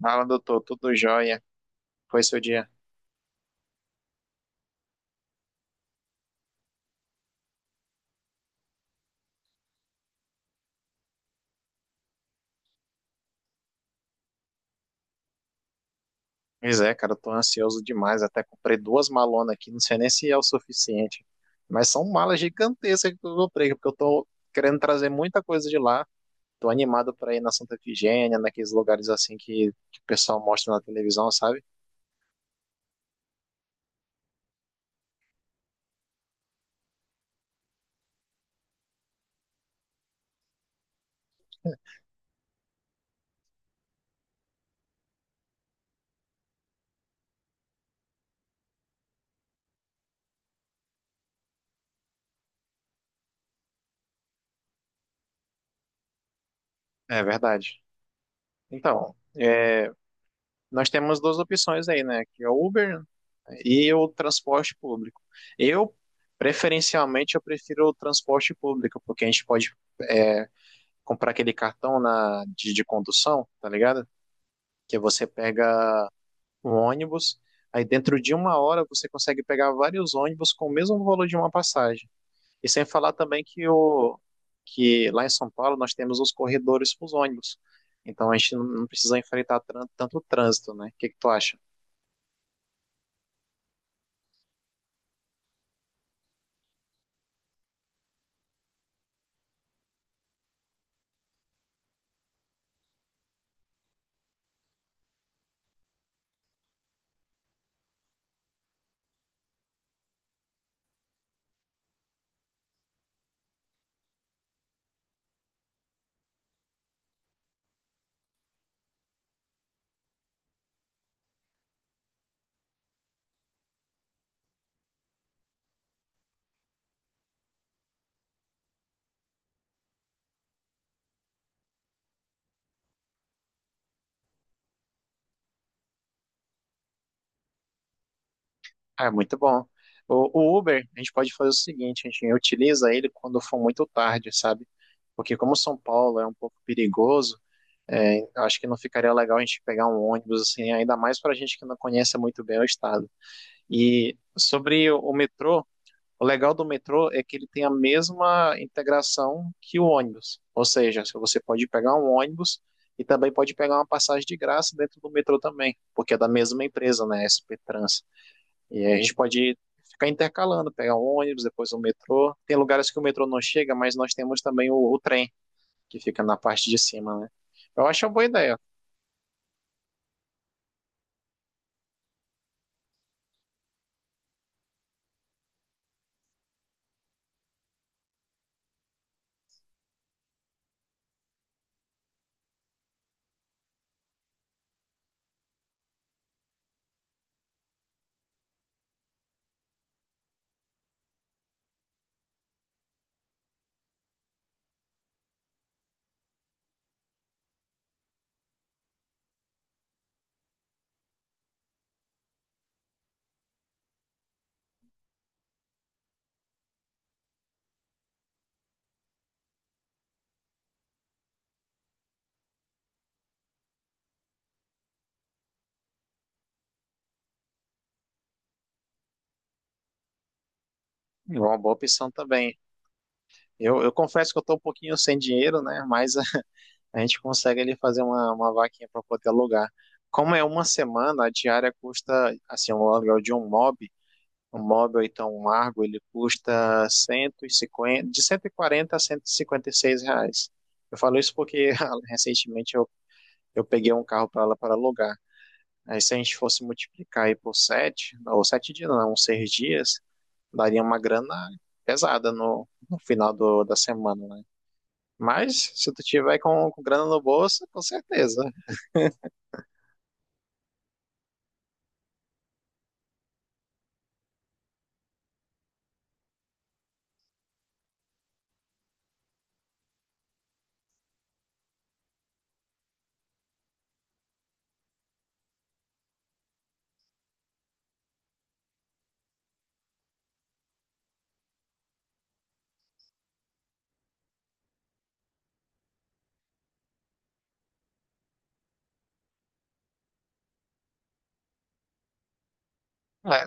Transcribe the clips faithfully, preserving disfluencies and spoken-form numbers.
Fala, doutor, tudo jóia? Foi seu dia? Pois é, cara, eu tô ansioso demais. Até comprei duas malonas aqui, não sei nem se é o suficiente. Mas são malas gigantescas que eu comprei, porque eu tô querendo trazer muita coisa de lá. Tô animado pra ir na Santa Efigênia, naqueles lugares assim que, que o pessoal mostra na televisão, sabe? É verdade. Então, é, nós temos duas opções aí, né? Que é o Uber e o transporte público. Eu, preferencialmente, eu prefiro o transporte público, porque a gente pode. É, comprar aquele cartão na, de, de condução, tá ligado? Que você pega um ônibus, aí dentro de uma hora você consegue pegar vários ônibus com o mesmo valor de uma passagem. E sem falar também que, o, que lá em São Paulo nós temos os corredores para os ônibus. Então a gente não não precisa enfrentar tran- tanto trânsito, né? O que que tu acha? Ah, é muito bom. O, o Uber, a gente pode fazer o seguinte, a gente utiliza ele quando for muito tarde, sabe? Porque como São Paulo é um pouco perigoso, é, acho que não ficaria legal a gente pegar um ônibus, assim, ainda mais para gente que não conhece muito bem o estado. E sobre o o metrô, o legal do metrô é que ele tem a mesma integração que o ônibus. Ou seja, se você pode pegar um ônibus e também pode pegar uma passagem de graça dentro do metrô também, porque é da mesma empresa, né, S P Trans. E aí a gente pode ficar intercalando, pegar um ônibus, depois o metrô. Tem lugares que o metrô não chega, mas nós temos também o, o trem, que fica na parte de cima, né? Eu acho uma boa ideia. É uma boa opção também. Eu, eu confesso que eu estou um pouquinho sem dinheiro, né? Mas a, a gente consegue ali fazer uma, uma vaquinha para poder alugar. Como é uma semana, a diária custa, assim, o aluguel de um mob, um mob ou então um Argo, ele custa cento e cinquenta de cento e quarenta a cento e e cinquenta e seis reais. Eu falo isso porque recentemente eu, eu peguei um carro para lá para alugar. Aí se a gente fosse multiplicar aí por sete, ou sete dias, não, uns seis dias, daria uma grana pesada no, no final do, da semana, né? Mas se tu tiver com, com grana no bolso, com certeza. É,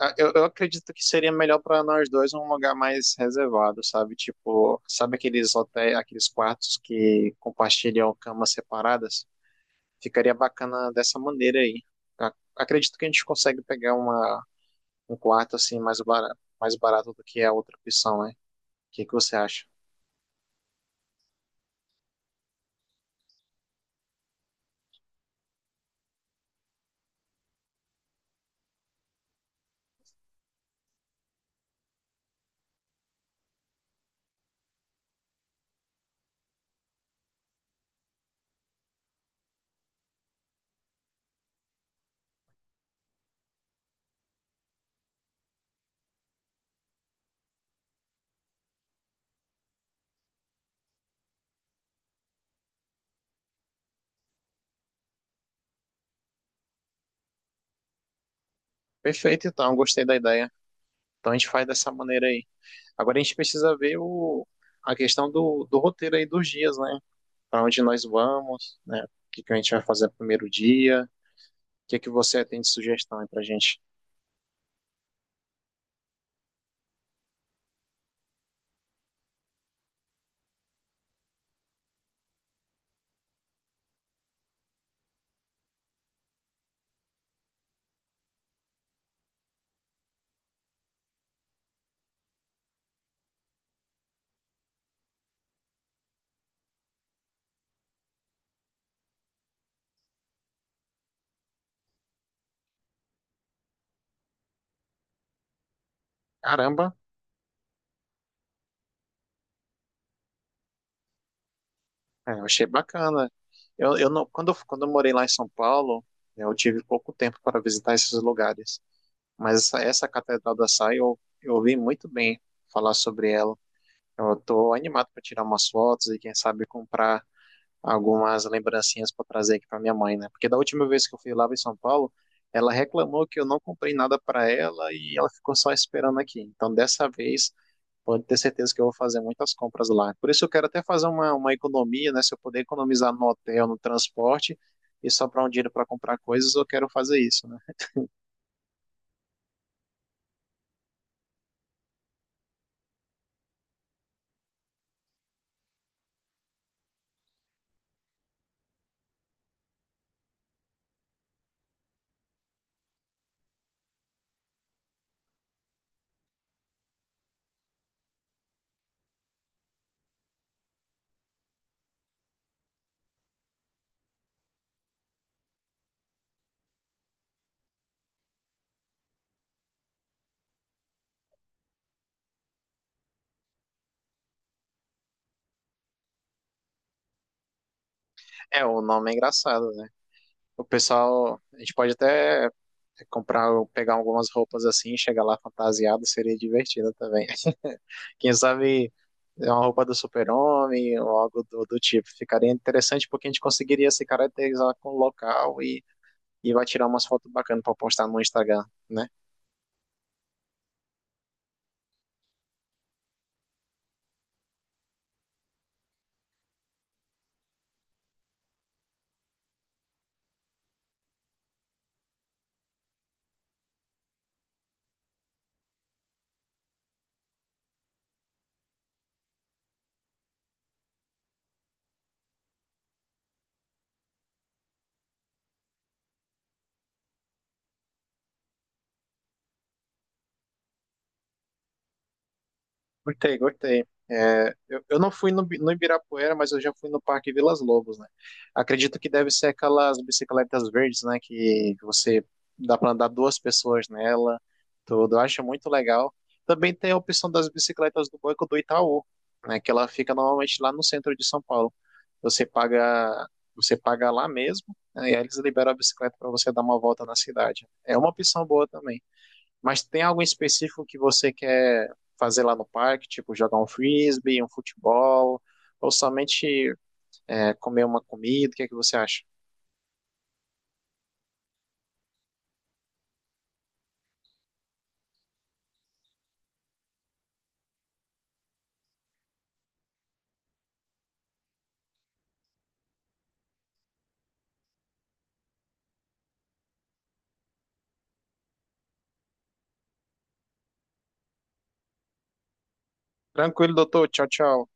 a- eu, eu acredito que seria melhor para nós dois um lugar mais reservado, sabe? Tipo, sabe aqueles hotéis, aqueles quartos que compartilham camas separadas? Ficaria bacana dessa maneira aí. A- Acredito que a gente consegue pegar uma, um quarto assim mais barato, mais barato do que a outra opção, né? O que que você acha? Perfeito, então, gostei da ideia. Então a gente faz dessa maneira aí. Agora a gente precisa ver o, a questão do, do roteiro aí dos dias, né? Para onde nós vamos, né? O que, que a gente vai fazer no primeiro dia? O que, que você tem de sugestão aí pra gente? Caramba, é, eu achei bacana. Eu, eu não, quando, eu, quando eu morei lá em São Paulo, né, eu tive pouco tempo para visitar esses lugares. Mas essa, essa Catedral da Sé, eu, eu ouvi muito bem falar sobre ela. Eu tô animado para tirar umas fotos e, quem sabe, comprar algumas lembrancinhas para trazer aqui para minha mãe, né? Porque da última vez que eu fui lá em São Paulo, ela reclamou que eu não comprei nada para ela e ela ficou só esperando aqui. Então, dessa vez, pode ter certeza que eu vou fazer muitas compras lá. Por isso, eu quero até fazer uma, uma economia, né? Se eu puder economizar no hotel, no transporte e sobrar um dinheiro para comprar coisas, eu quero fazer isso, né? É, o nome é engraçado, né? O pessoal, a gente pode até comprar, pegar algumas roupas assim, chegar lá fantasiado, seria divertido também. Quem sabe é uma roupa do super-homem ou algo do, do tipo. Ficaria interessante porque a gente conseguiria se caracterizar com o local e, e vai tirar umas fotos bacanas para postar no Instagram, né? Gostei, gostei. É, eu, eu não fui no, Bi- no Ibirapuera, mas eu já fui no Parque Vilas Lobos, né? Acredito que deve ser aquelas bicicletas verdes, né? Que você dá para andar duas pessoas nela, tudo. Eu acho muito legal. Também tem a opção das bicicletas do Banco do Itaú, né? Que ela fica normalmente lá no centro de São Paulo. Você paga, você paga lá mesmo, né, e aí eles liberam a bicicleta para você dar uma volta na cidade. É uma opção boa também. Mas tem algo em específico que você quer fazer lá no parque, tipo jogar um frisbee, um futebol, ou somente é, comer uma comida? O que é que você acha? Tranquilo, doutor. Tchau, tchau.